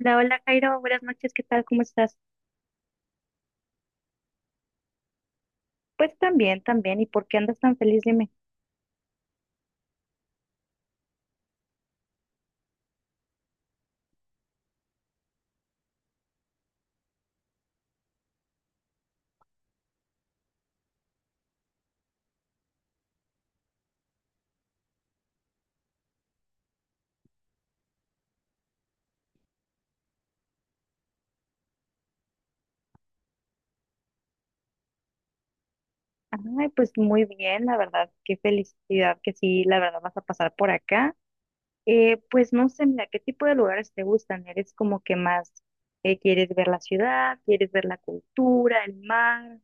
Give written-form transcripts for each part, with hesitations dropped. Hola, hola Jairo, buenas noches, ¿qué tal? ¿Cómo estás? Pues también, también. ¿Y por qué andas tan feliz? Dime. Ay, pues muy bien, la verdad, qué felicidad que sí, la verdad vas a pasar por acá. Pues no sé, mira, ¿qué tipo de lugares te gustan? ¿Eres como que más quieres ver la ciudad, quieres ver la cultura, el mar?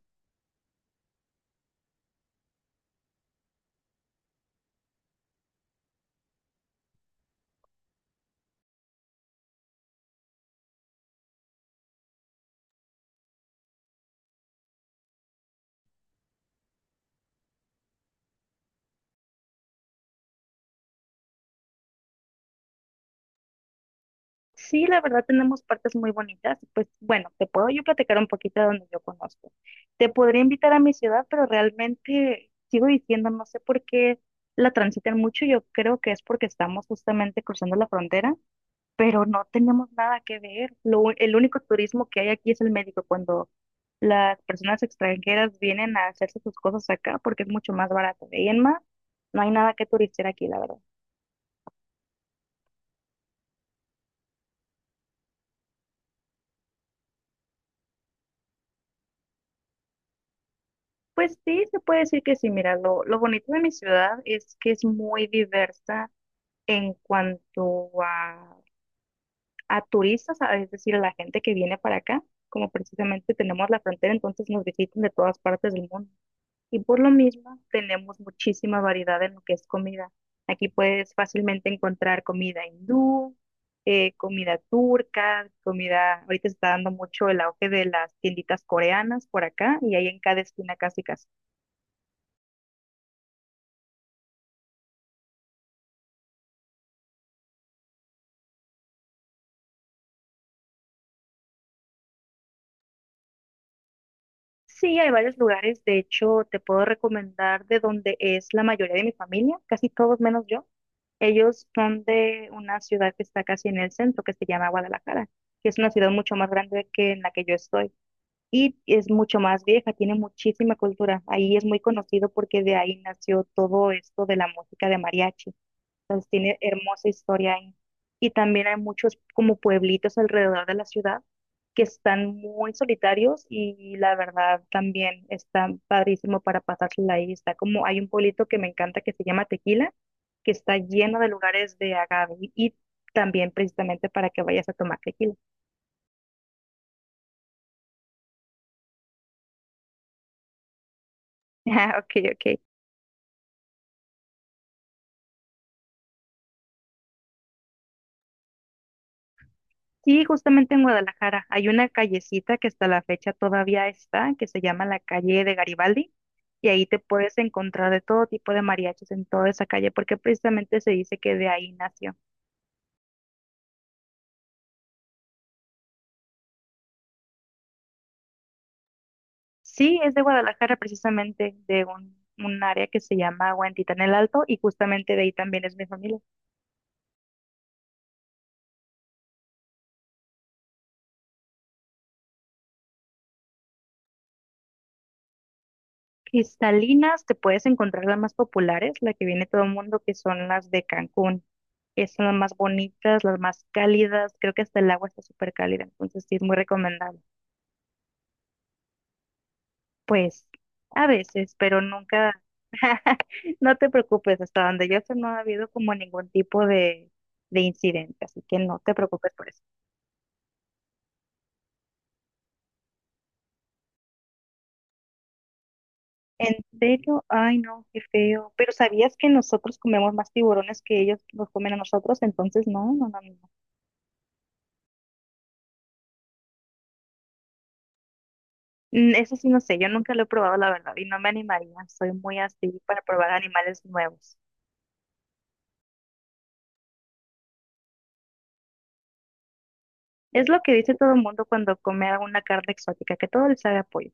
Sí, la verdad tenemos partes muy bonitas. Pues bueno, te puedo yo platicar un poquito de donde yo conozco. Te podría invitar a mi ciudad, pero realmente sigo diciendo, no sé por qué la transitan mucho. Yo creo que es porque estamos justamente cruzando la frontera, pero no tenemos nada que ver. El único turismo que hay aquí es el médico, cuando las personas extranjeras vienen a hacerse sus cosas acá porque es mucho más barato. De ahí en más, no hay nada que turistear aquí, la verdad. Pues sí, se puede decir que sí. Mira, lo bonito de mi ciudad es que es muy diversa en cuanto a turistas, es decir, a la gente que viene para acá, como precisamente tenemos la frontera, entonces nos visitan de todas partes del mundo. Y por lo mismo, tenemos muchísima variedad en lo que es comida. Aquí puedes fácilmente encontrar comida hindú, comida turca, comida, ahorita se está dando mucho el auge de las tienditas coreanas por acá, y hay en cada esquina casi casi. Sí, hay varios lugares, de hecho, te puedo recomendar de donde es la mayoría de mi familia, casi todos menos yo. Ellos son de una ciudad que está casi en el centro, que se llama Guadalajara, que es una ciudad mucho más grande que en la que yo estoy y es mucho más vieja, tiene muchísima cultura. Ahí es muy conocido porque de ahí nació todo esto de la música de mariachi. Entonces tiene hermosa historia ahí. Y también hay muchos como pueblitos alrededor de la ciudad que están muy solitarios y la verdad también está padrísimo para pasársela ahí. Está como hay un pueblito que me encanta que se llama Tequila, que está lleno de lugares de agave y también precisamente para que vayas a tomar tequila. Ah, ok, ok. Sí, justamente en Guadalajara hay una callecita que hasta la fecha todavía está, que se llama la calle de Garibaldi, y ahí te puedes encontrar de todo tipo de mariachis en toda esa calle, porque precisamente se dice que de ahí nació. Sí, es de Guadalajara, precisamente de un área que se llama Huentitán el Alto, y justamente de ahí también es mi familia. Cristalinas, te puedes encontrar las más populares, la que viene todo el mundo, que son las de Cancún, que son las más bonitas, las más cálidas, creo que hasta el agua está súper cálida, entonces sí es muy recomendable. Pues a veces, pero nunca, no te preocupes, hasta donde yo sé no ha habido como ningún tipo de incidente, así que no te preocupes por eso. ¿En serio? Ay, no, qué feo. Pero ¿sabías que nosotros comemos más tiburones que ellos los comen a nosotros? Entonces, no, no, no, no. Mm, eso sí, no sé, yo nunca lo he probado, la verdad, y no me animaría. Soy muy así para probar animales nuevos. Es lo que dice todo el mundo cuando come alguna carne exótica, que todo le sabe a pollo.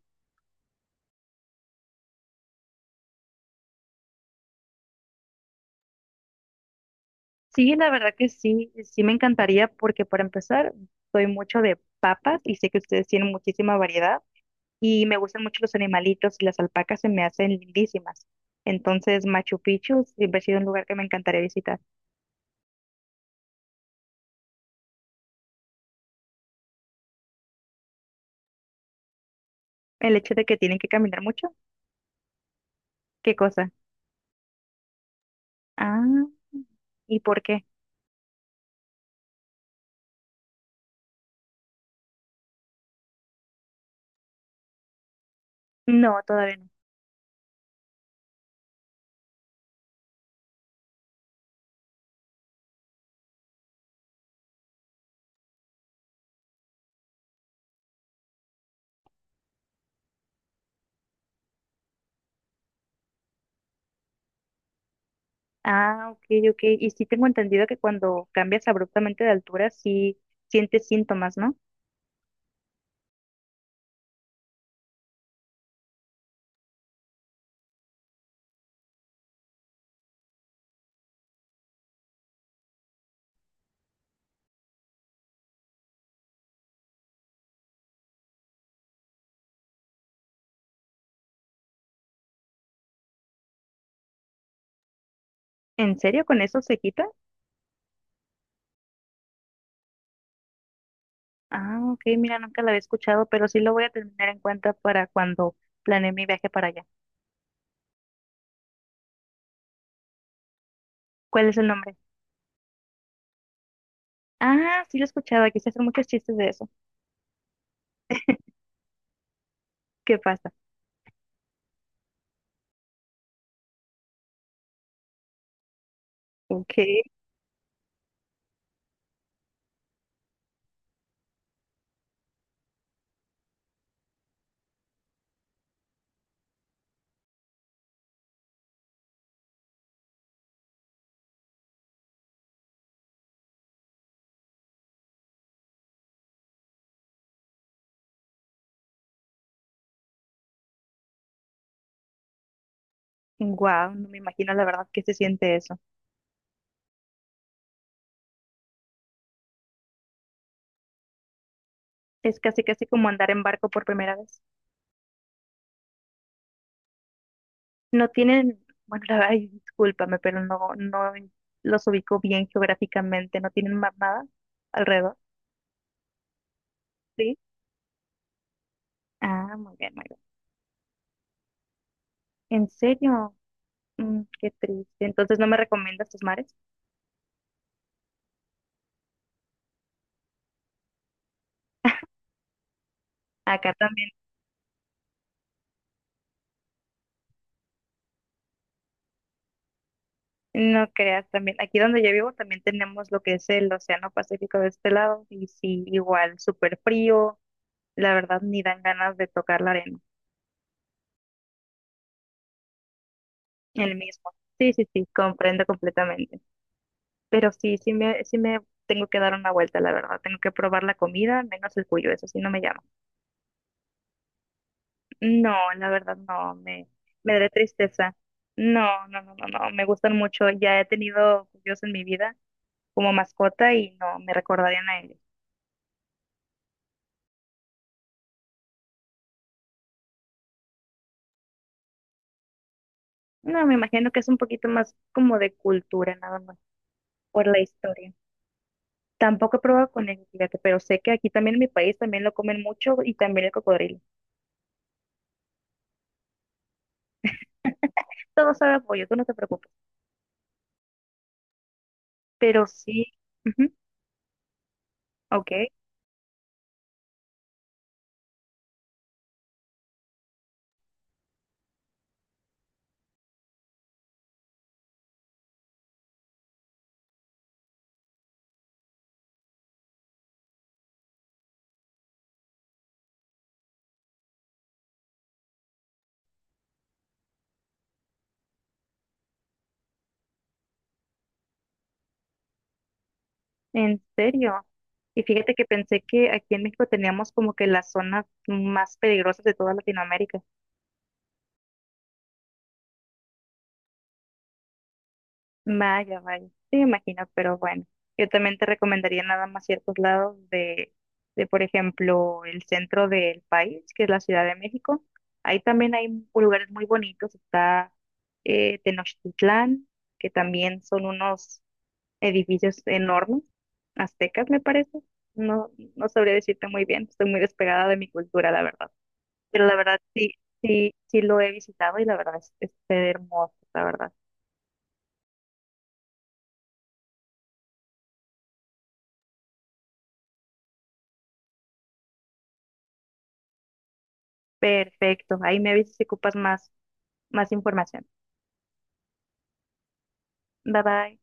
Sí, la verdad que sí, sí me encantaría porque para empezar, soy mucho de papas y sé que ustedes tienen muchísima variedad y me gustan mucho los animalitos y las alpacas se me hacen lindísimas. Entonces, Machu Picchu siempre ha sido un lugar que me encantaría visitar. El hecho de que tienen que caminar mucho, ¿qué cosa? Ah, ¿y por qué? No, todavía no. Ah, ok, ok. Y sí tengo entendido que cuando cambias abruptamente de altura, sí sientes síntomas, ¿no? ¿En serio con eso se quita? Ah, ok, mira, nunca la había escuchado, pero sí lo voy a tener en cuenta para cuando planee mi viaje para allá. ¿Cuál es el nombre? Ah, sí lo he escuchado, aquí se hacen muchos chistes de eso. ¿Qué pasa? Ok, wow, no me imagino la verdad que se siente eso. Es casi casi como andar en barco por primera vez. No tienen, bueno, la verdad, ay, discúlpame, pero no, no los ubico bien geográficamente, no tienen más nada alrededor, ¿sí? Ah, muy bien, muy bien. ¿En serio? Mm, qué triste. Entonces, ¿no me recomiendas tus mares? Acá también, no creas también. Aquí donde yo vivo también tenemos lo que es el Océano Pacífico de este lado y sí, igual, súper frío. La verdad, ni dan ganas de tocar la arena. El mismo. Sí, sí, sí, comprendo completamente. Pero sí, sí me tengo que dar una vuelta, la verdad. Tengo que probar la comida, menos el cuyo, eso sí no me llama. No, la verdad no, me daré tristeza. No, no, no, no, no, me gustan mucho. Ya he tenido cuyos en mi vida como mascota y no, me recordarían a ellos. No, me imagino que es un poquito más como de cultura, nada más, por la historia. Tampoco he probado con ellos, fíjate, pero sé que aquí también en mi país también lo comen mucho y también el cocodrilo. Todo sabe a pollo, tú no te preocupes. Pero sí, ujú, ok. En serio. Y fíjate que pensé que aquí en México teníamos como que las zonas más peligrosas de toda Latinoamérica. Vaya, vaya. Sí, me imagino, pero bueno. Yo también te recomendaría nada más ciertos lados de, por ejemplo, el centro del país, que es la Ciudad de México. Ahí también hay lugares muy bonitos. Está Tenochtitlán, que también son unos edificios enormes, aztecas, me parece. No, no sabría decirte muy bien. Estoy muy despegada de mi cultura, la verdad. Pero la verdad sí, sí lo he visitado y la verdad es hermoso, la verdad. Perfecto. Ahí me avisas si ocupas más, más información. Bye bye.